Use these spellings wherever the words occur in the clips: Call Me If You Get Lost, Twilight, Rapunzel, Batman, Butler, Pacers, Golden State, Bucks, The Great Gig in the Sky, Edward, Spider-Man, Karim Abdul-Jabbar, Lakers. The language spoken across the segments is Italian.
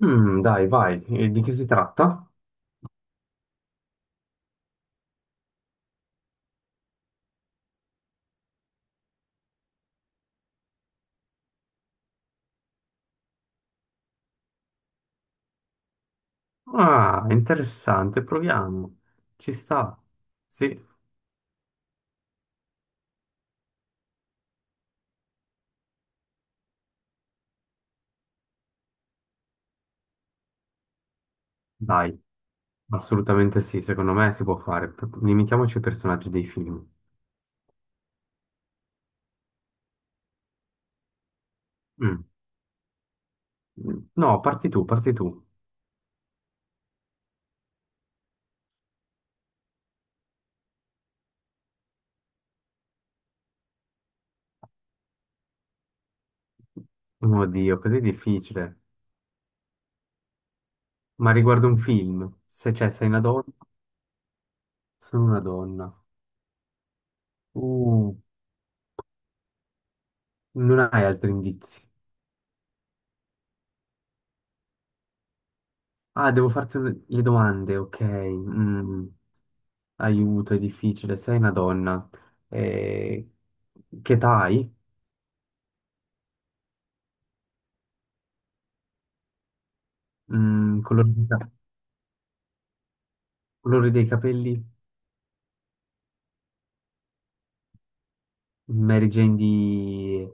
Dai, vai. E di che si tratta? Ah, interessante, proviamo. Ci sta. Sì, dai, assolutamente sì, secondo me si può fare. Limitiamoci ai personaggi dei film. Mm. No, parti tu, parti tu. Oddio, così difficile. Ma riguardo un film, se c'è, sei una donna, sono una donna. Uh, Non hai altri indizi. Ah, devo farti le domande, ok. Mm, aiuto, è difficile. Sei una donna. Eh, che età hai? Mm, colore, di ca- colore dei capelli? Mary Jane di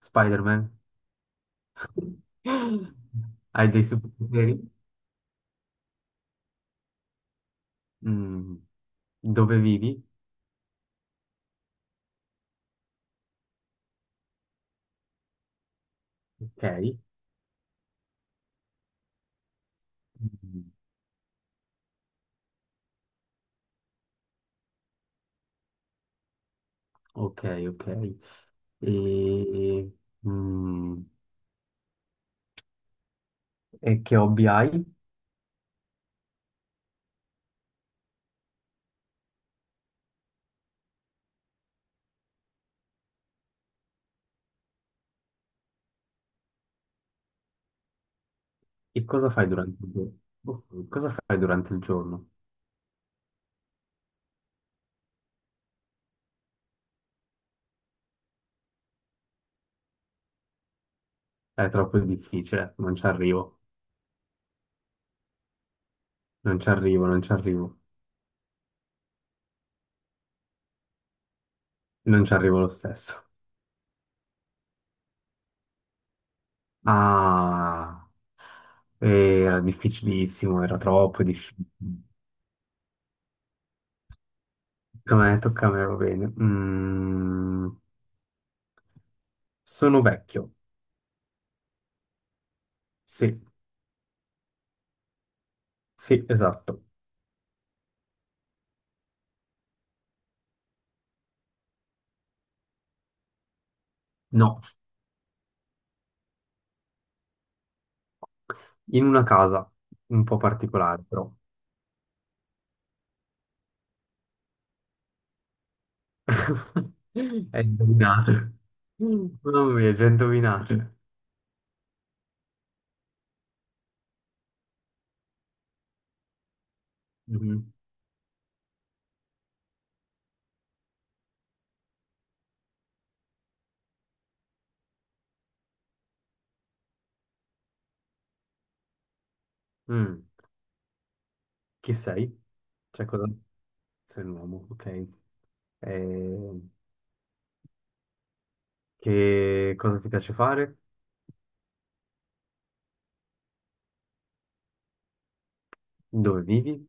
Spider-Man? Hai dei superpoteri? Mm, Dove vivi? Ok. Mm, Ok, ok. E, mm, e che hobby hai? Che cosa fai durante il giorno? Boh, cosa fai durante il giorno? È troppo difficile, non ci arrivo, non ci arrivo, non ci arrivo, non ci arrivo lo stesso. Ah, era difficilissimo, era troppo difficile. Tocca a me, va bene. Mm, sono vecchio, sì, sì, esatto. No, in una casa un po' particolare, però. Hai indovinato. Mamma mia, già indovinato. Mhm. Mm. Chi sei? Cioè, cosa... Sei un uomo, ok. Eh, che cosa ti piace fare? Dove vivi?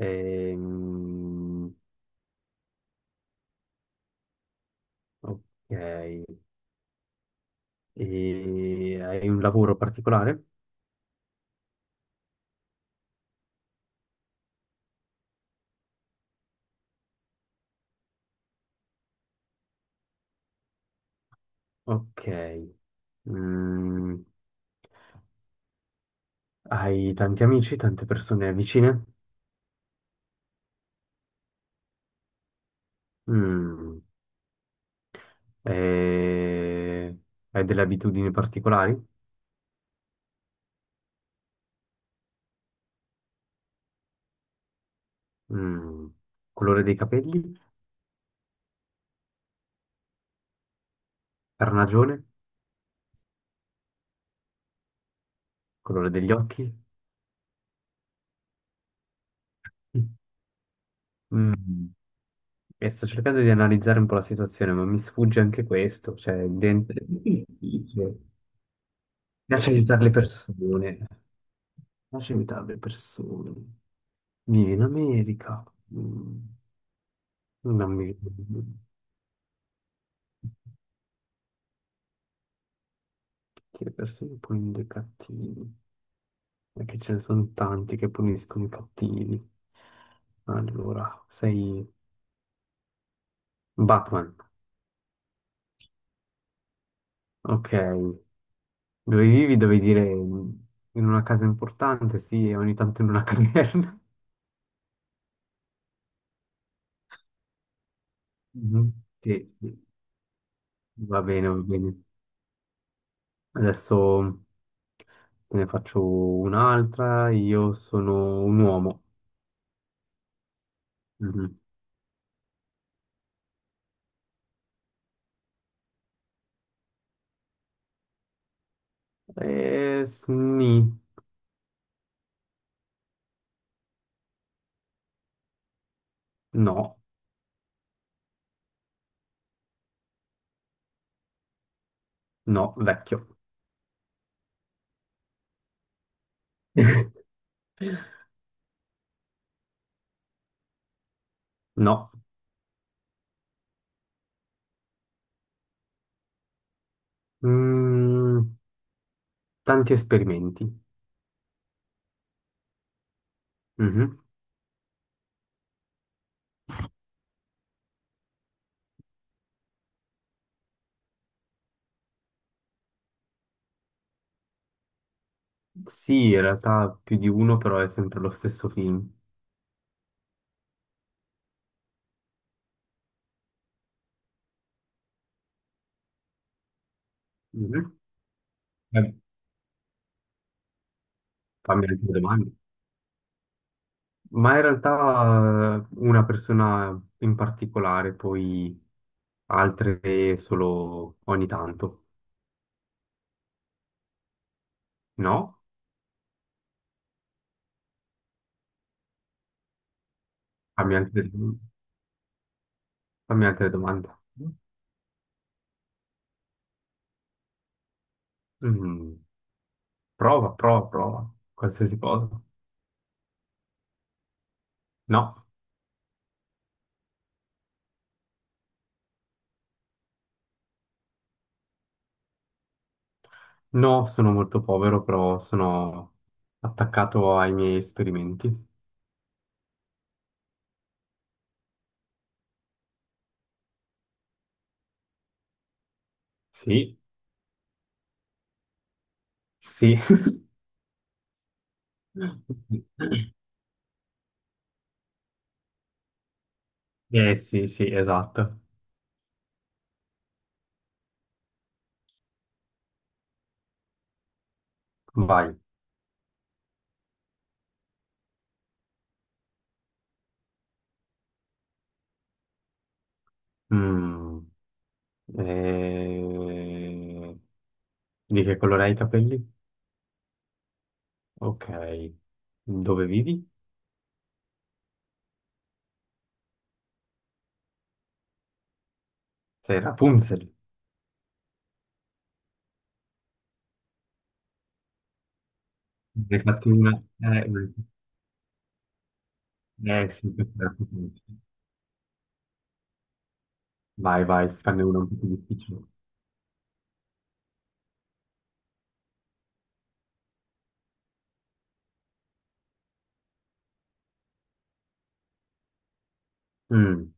Ehm, ok. E hai un lavoro particolare? Ok. Mm, Hai tanti amici, tante persone vicine? Mm. Eh, Hai delle abitudini particolari? Mm. Colore dei capelli? Carnagione? Colore degli occhi? Mm. Mm. E sto cercando di analizzare un po' la situazione, ma mi sfugge anche questo, cioè il dente è difficile. Piace aiutare le persone, piace aiutare le persone. Vieni in America. Mm, non mi che le persone puniscono i cattivi, perché ce ne sono tanti che puniscono i cattivi. Allora, sei Batman, ok, dove vivi? Dovevi dire in una casa importante, sì, e ogni tanto in una caverna. Mhm. Sì, sì. Va bene, va bene. Adesso te ne faccio un'altra. Io sono un uomo. Mhm. Eh, sni- No, no, vecchio. No. Mm, tanti esperimenti. Mhm. Sì, in realtà più di uno, però è sempre lo stesso film. Mhm. Eh, Fammi altre domande. Ma in realtà una persona in particolare, poi altre solo ogni tanto, no? Fammi altre, fammi altre domande. Mm, prova, prova, prova, qualsiasi cosa. No, no, sono molto povero, però sono attaccato ai miei esperimenti. Sì, sì. Eh sì, sì, esatto. Vai. Mm, eh, Di che colore hai i capelli? Ok. Dove vivi? Sei Rapunzel. Hai fatto una... Eh, eh sì, questa è Rapunzel. Vai, vai, fanne uno un po' più difficile. Mm,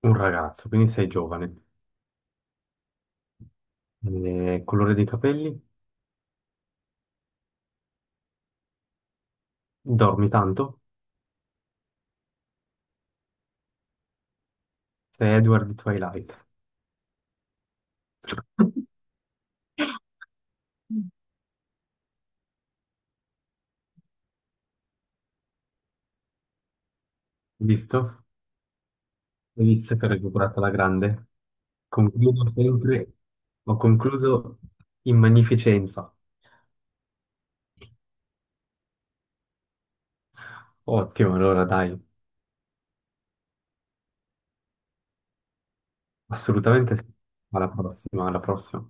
un ragazzo, quindi sei giovane. Colore dei capelli? Dormi tanto? Sei Edward di Twilight. Visto? Hai visto che ho recuperato la grande? Concludo sempre... Ho concluso in magnificenza. Ottimo, allora dai. Assolutamente sì. Alla prossima, alla prossima.